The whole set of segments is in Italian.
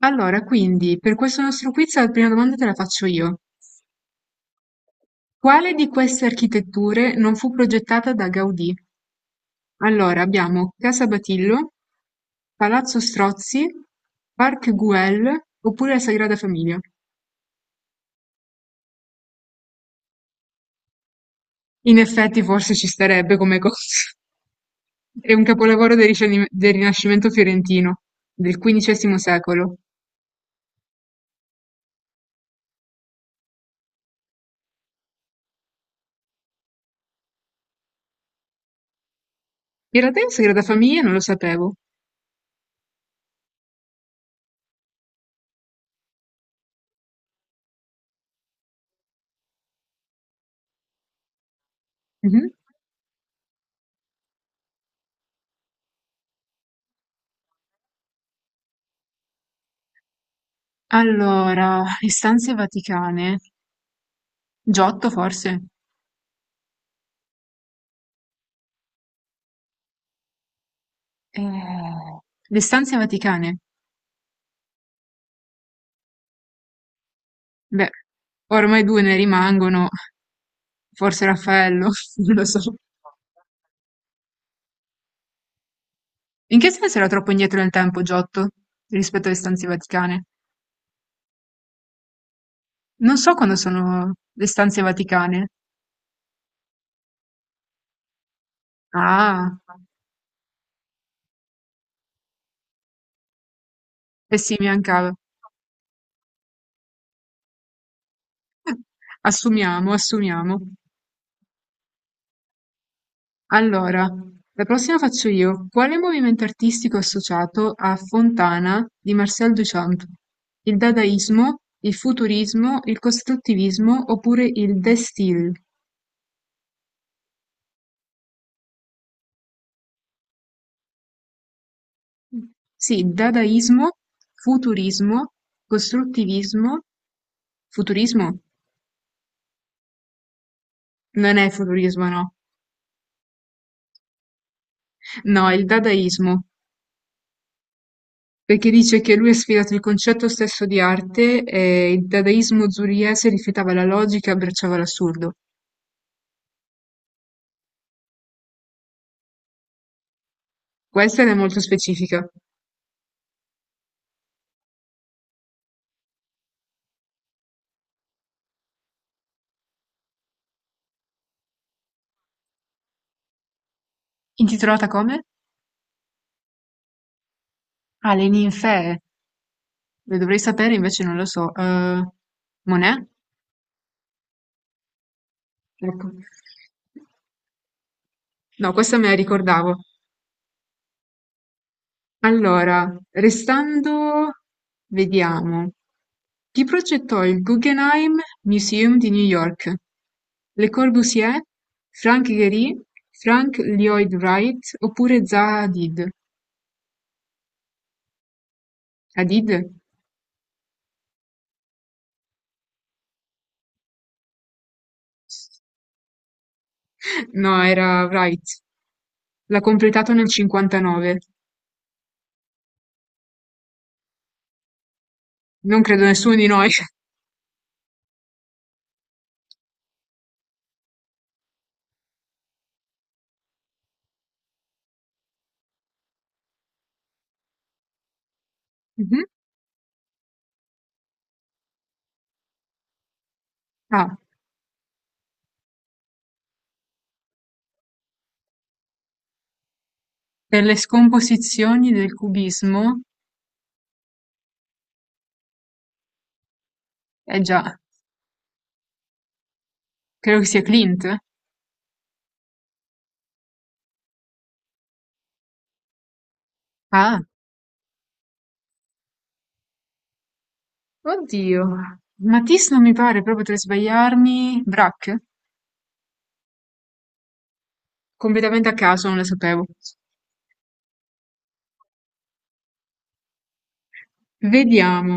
Allora, quindi, per questo nostro quiz la prima domanda te la faccio io. Quale di queste architetture non fu progettata da Gaudì? Allora, abbiamo Casa Batillo, Palazzo Strozzi, Parc Güell oppure la Sagrada Famiglia. In effetti, forse ci starebbe come cosa. È un capolavoro del Rinascimento fiorentino, del XV secolo. In realtà, la Sagrada Famiglia non lo sapevo. Mhm. Allora, istanze vaticane. Giotto, forse? Eh, le stanze vaticane. Beh, ormai due ne rimangono, forse Raffaello, non lo so. In che senso era troppo indietro nel tempo Giotto rispetto alle stanze vaticane? Non so quando sono le stanze vaticane. Ah, e sì, mi mancava. Assumiamo, assumiamo. Allora, la prossima faccio io. Quale movimento artistico è associato a Fontana di Marcel Duchamp? Il dadaismo, il futurismo, il costruttivismo oppure il De Stijl? Sì, dadaismo, futurismo, costruttivismo, futurismo? Non è futurismo, no. No, è il dadaismo, perché dice che lui ha sfidato il concetto stesso di arte e il dadaismo zuriese rifiutava la logica e abbracciava l'assurdo. Questa è molto specifica. Intitolata come? Ah, Le ninfee. Lo dovrei sapere, invece non lo so. Monet? Ecco. No, questa me la ricordavo. Allora, restando, vediamo. Chi progettò il Guggenheim Museum di New York? Le Corbusier, Frank Gehry, Frank Lloyd Wright oppure Zaha Hadid? Hadid? No, era Wright. L'ha completato nel 59. Non credo nessuno di noi. Mhm. Ah, per le scomposizioni del cubismo, eh già, credo che sia Clint. Ah, oddio. Matisse non mi pare, proprio potrei sbagliarmi. Braque? Completamente a caso, non lo sapevo. Vediamo.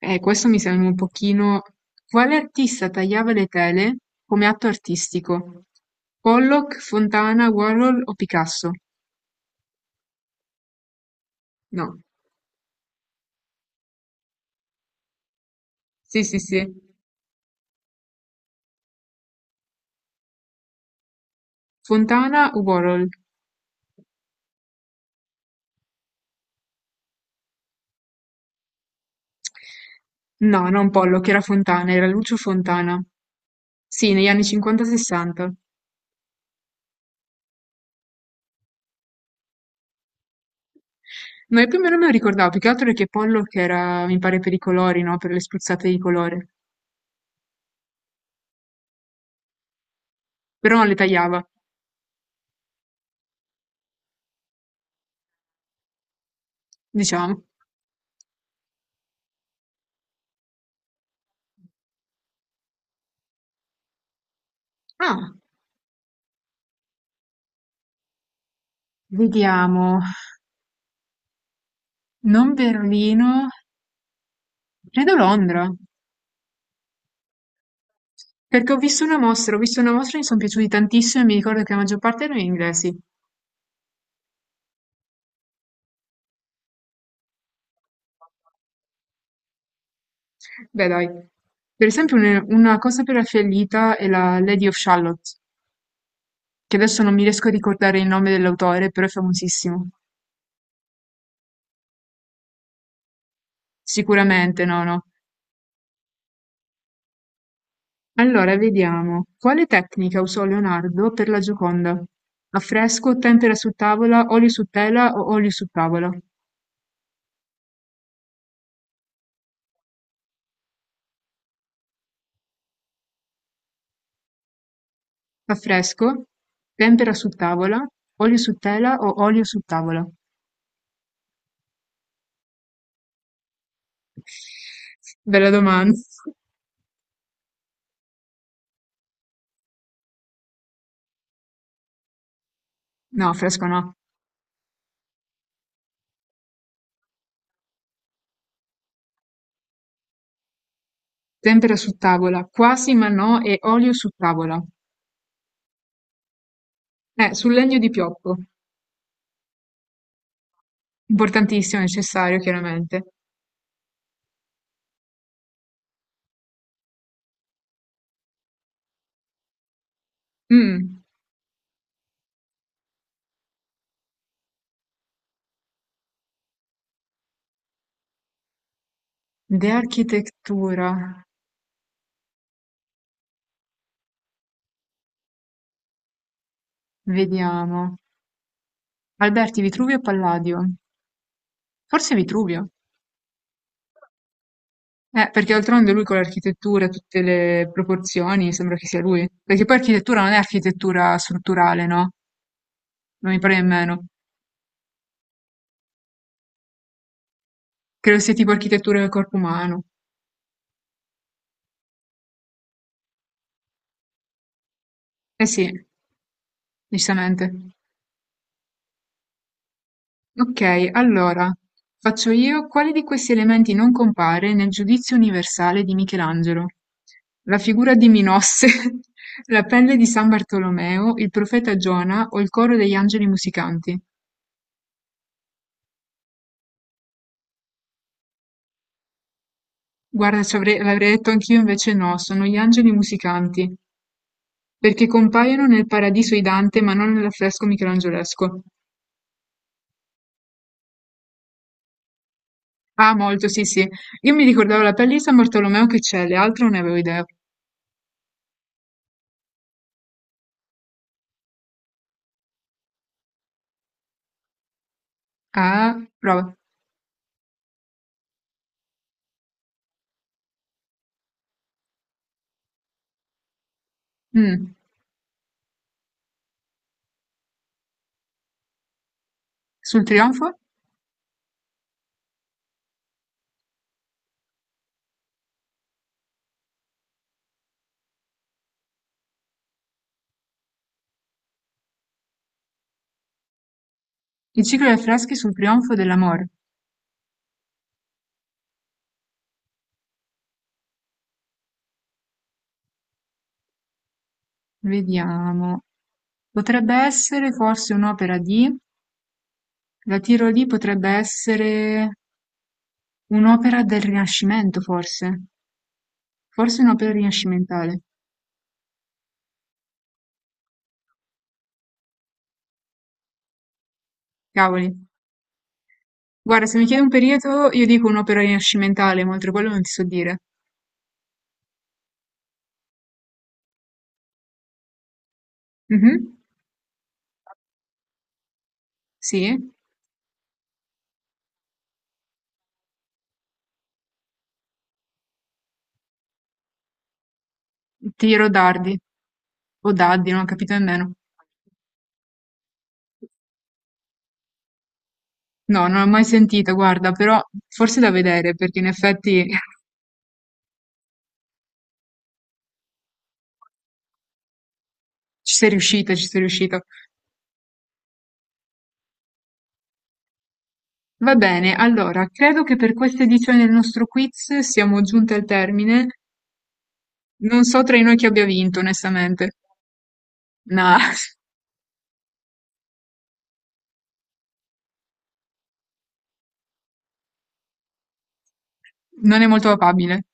Questo mi sembra un pochino... Quale artista tagliava le tele come atto artistico? Pollock, Fontana, Warhol o Picasso? No. Sì, sì, sì. Fontana o Warhol? No, non Pollock, era Fontana, era Lucio Fontana. Sì, negli anni 50-60. No, e più o meno me lo ricordavo, più che altro perché Pollock era, mi pare, per i colori, no? Per le spruzzate di colore. Però non le tagliava, diciamo. Ah, vediamo. Non Berlino, credo Londra. Perché ho visto una mostra e mi sono piaciuti tantissimo e mi ricordo che la maggior parte erano inglesi. Beh, dai. Per esempio, una cosa per la fiallita è la Lady of Shalott. Che adesso non mi riesco a ricordare il nome dell'autore, però è famosissimo. Sicuramente, no, no. Allora, vediamo. Quale tecnica usò Leonardo per la Gioconda? Affresco, tempera su tavola, olio su tela o olio su tavola? Affresco, tempera su tavola, olio su tela o olio su tavola? Bella domanda. No, affresco no. Tempera su tavola, quasi ma no, e olio su tavola. Sul legno di pioppo. Importantissimo, necessario, chiaramente. Mm. De architettura, vediamo. Alberti, Vitruvio e Palladio. Forse Vitruvio. Perché d'altronde lui con l'architettura, tutte le proporzioni, sembra che sia lui. Perché poi architettura non è architettura strutturale, no? Non mi pare nemmeno. Credo sia tipo architettura del corpo umano. Eh sì, giustamente. Ok, allora, faccio io, quale di questi elementi non compare nel Giudizio universale di Michelangelo? La figura di Minosse, la pelle di San Bartolomeo, il profeta Giona o il coro degli angeli musicanti? Guarda, l'avrei detto anch'io, invece no, sono gli angeli musicanti, perché compaiono nel Paradiso di Dante, ma non nell'affresco michelangelesco. Ah, molto, sì, sì. Io mi ricordavo la pelle di San Bartolomeo che c'è, le altre non ne avevo idea. Ah, prova. Mm. Sul trionfo? Il ciclo dei affreschi sul trionfo dell'amor. Vediamo. Potrebbe essere forse un'opera di... La tiro lì, potrebbe essere un'opera del Rinascimento, forse. Forse un'opera rinascimentale. Cavoli. Guarda, se mi chiedi un periodo, io dico un'opera rinascimentale, ma oltre quello non ti so dire. Mhm. Sì. Tiro dardi. O daddi, non ho capito nemmeno. No, non l'ho mai sentita, guarda, però forse da vedere, perché in effetti ci sei riuscita, ci sei riuscita. Va bene, allora, credo che per questa edizione del nostro quiz siamo giunti al termine. Non so tra di noi chi abbia vinto, onestamente. No, non è molto probabile.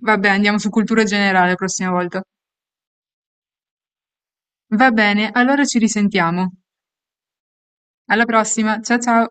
Vabbè, andiamo su cultura generale la prossima volta. Va bene, allora ci risentiamo. Alla prossima, ciao ciao!